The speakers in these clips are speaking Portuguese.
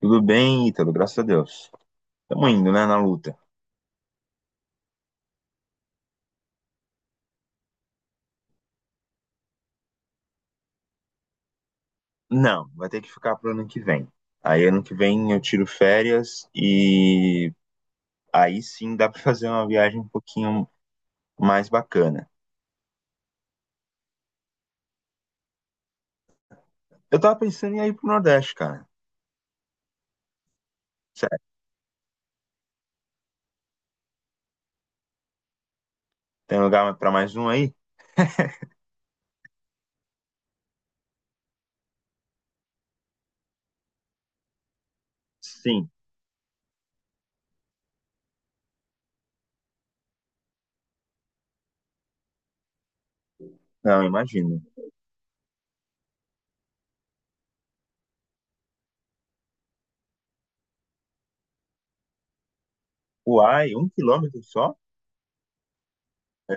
Tudo bem, Ítalo, graças a Deus. Tamo indo, né, na luta. Não, vai ter que ficar pro ano que vem. Aí ano que vem eu tiro férias e aí sim dá pra fazer uma viagem um pouquinho mais bacana. Eu tava pensando em ir pro Nordeste, cara. Sério, tem lugar pra mais um aí? Sim. Não, imagino. Uai, um quilômetro só? É.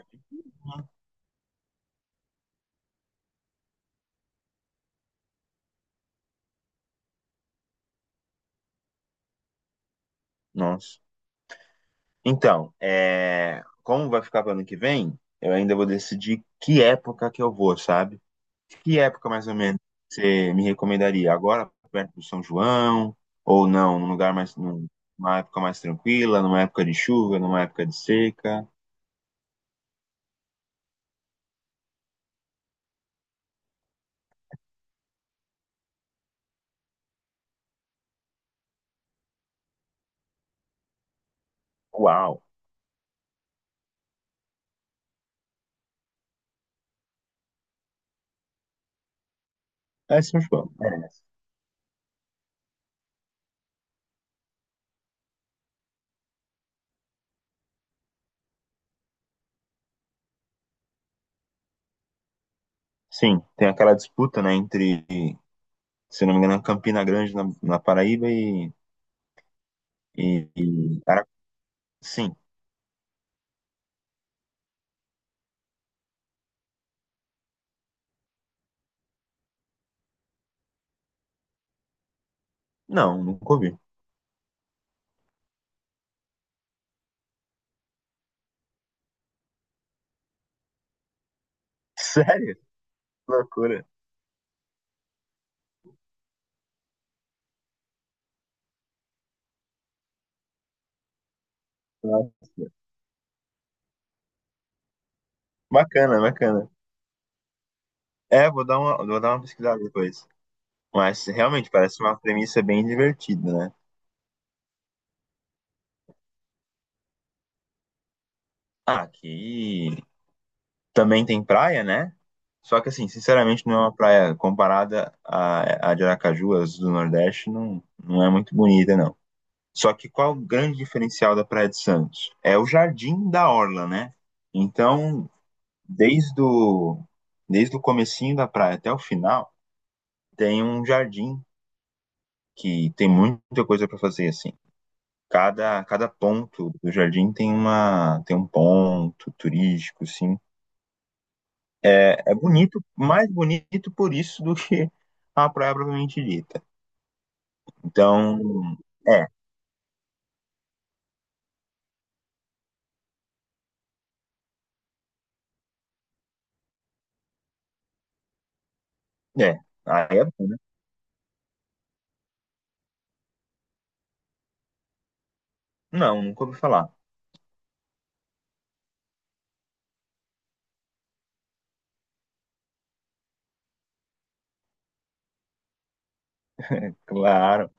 Nossa. Então, como vai ficar pro ano que vem, eu ainda vou decidir que época que eu vou, sabe? Que época, mais ou menos, você me recomendaria? Agora, perto do São João? Ou não, num lugar mais, numa época mais tranquila, numa época de chuva, numa época de seca? Uau! É São João, merece. Sim, tem aquela disputa, né, entre, se não me engano, Campina Grande na Paraíba e, e Ara- Sim, não, nunca ouvi. Sério? Que loucura. Nossa. Bacana, bacana. É, vou dar uma pesquisada depois. Mas realmente parece uma premissa bem divertida, né? Ah, aqui também tem praia, né? Só que assim, sinceramente, não é uma praia comparada à de Aracaju, as do Nordeste, não, não é muito bonita, não. Só que qual o grande diferencial da Praia de Santos? É o jardim da orla, né? Então, desde o, desde o comecinho da praia até o final, tem um jardim que tem muita coisa para fazer assim. Cada ponto do jardim tem um ponto turístico, assim, é bonito, mais bonito por isso do que a praia propriamente dita. Então, é, é. Aí é bom, né? Não, nunca ouvi falar. Claro,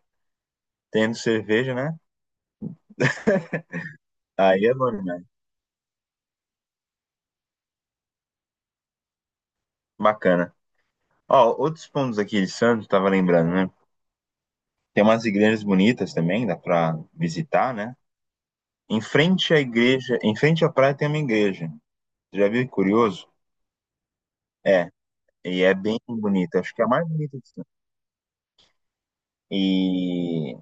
tendo cerveja, né? Aí é bom, né? Bacana. Ó, outros pontos aqui de Santos, tava lembrando, né? Tem umas igrejas bonitas também, dá pra visitar, né? Em frente à igreja, em frente à praia tem uma igreja. Já viu? Que curioso! É, e é bem bonita. Acho que é a mais bonita de Santos. E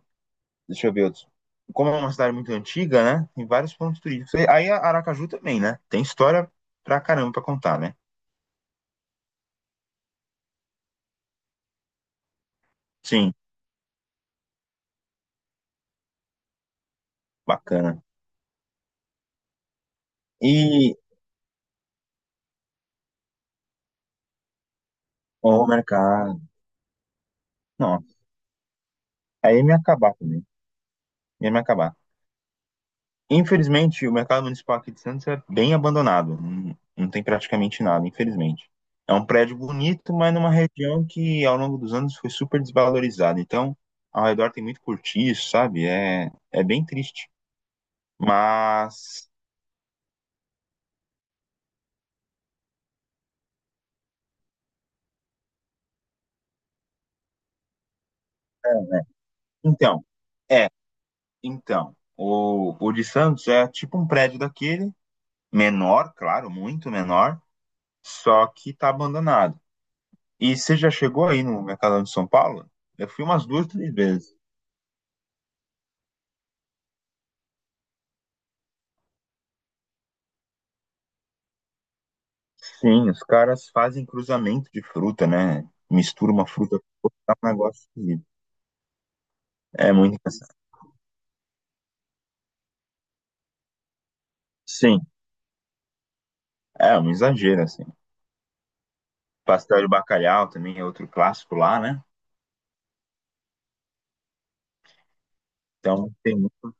deixa eu ver outros. Como é uma cidade muito antiga, né? Tem vários pontos turísticos. E aí a Aracaju também, né? Tem história pra caramba pra contar, né? Sim, bacana. E ó, o mercado. Não, aí ia me acabar também. Ia me acabar. Infelizmente, o mercado municipal aqui de Santos é bem abandonado. Não, não tem praticamente nada, infelizmente. É um prédio bonito, mas numa região que ao longo dos anos foi super desvalorizada. Então, ao redor tem muito cortiço, sabe? É bem triste. Mas Então, é, então, o de Santos é tipo um prédio daquele, menor, claro, muito menor, só que tá abandonado. E você já chegou aí no Mercadão de São Paulo? Eu fui umas duas, três vezes. Sim, os caras fazem cruzamento de fruta, né? Mistura uma fruta com outra, dá um negócio esquisito. É muito engraçado. Sim, é um exagero, assim. Pastel de bacalhau também é outro clássico lá, né? Então tem muito.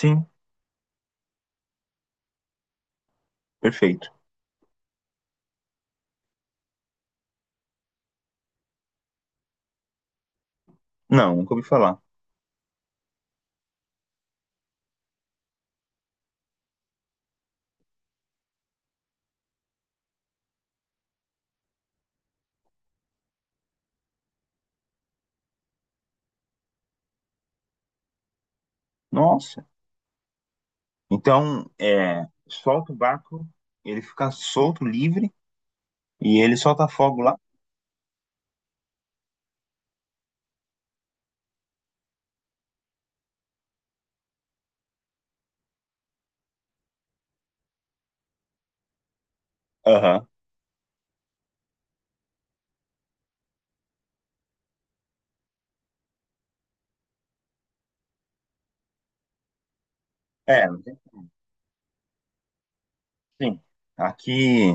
Sim, perfeito. Não, nunca ouvi falar. Nossa. Então, solta o barco, ele fica solto, livre, e ele solta fogo lá. Aham. É, sim. Aqui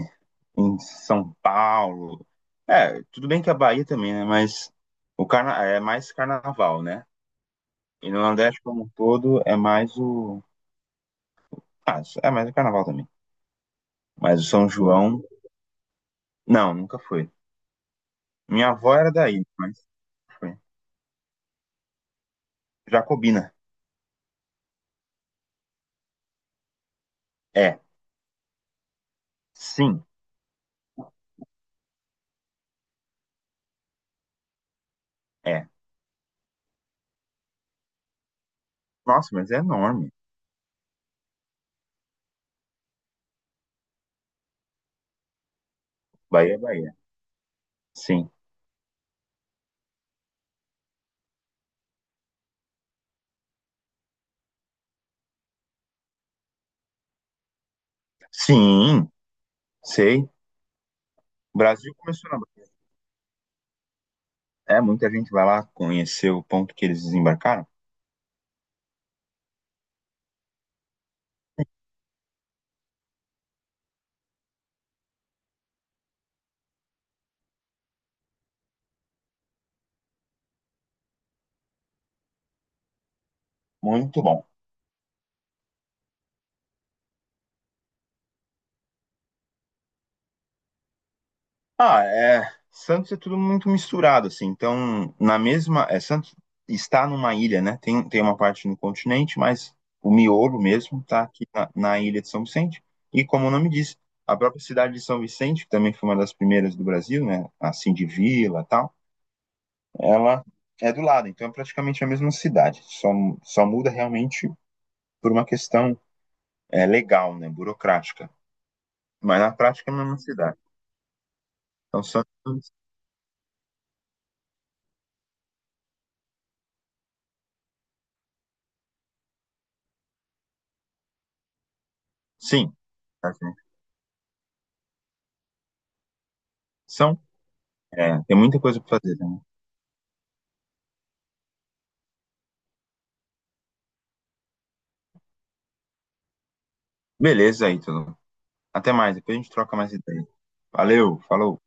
em São Paulo. É, tudo bem que a Bahia também, né? Mas é mais carnaval, né? E no Nordeste como um todo é mais o. Ah, é mais o carnaval também. Mas o São João. Não, nunca foi. Minha avó era daí, mas foi. Jacobina. É, sim, é. Nossa, mas é enorme. Bahia é Bahia. Sim. Sim, sei. O Brasil começou na. É, muita gente vai lá conhecer o ponto que eles desembarcaram. Muito bom. Ah, é. Santos é tudo muito misturado, assim. Então, na mesma. É, Santos está numa ilha, né? Tem uma parte no continente, mas o miolo mesmo está aqui na ilha de São Vicente. E como o nome diz, a própria cidade de São Vicente, que também foi uma das primeiras do Brasil, né? Assim, de vila e tal, ela é do lado. Então, é praticamente a mesma cidade. Só muda realmente por uma questão legal, né, burocrática, mas na prática é a mesma cidade. Então, sim, tá, gente? são, tem muita coisa para fazer. Né? Beleza aí, tudo. Até mais, depois a gente troca mais ideia. Valeu, falou.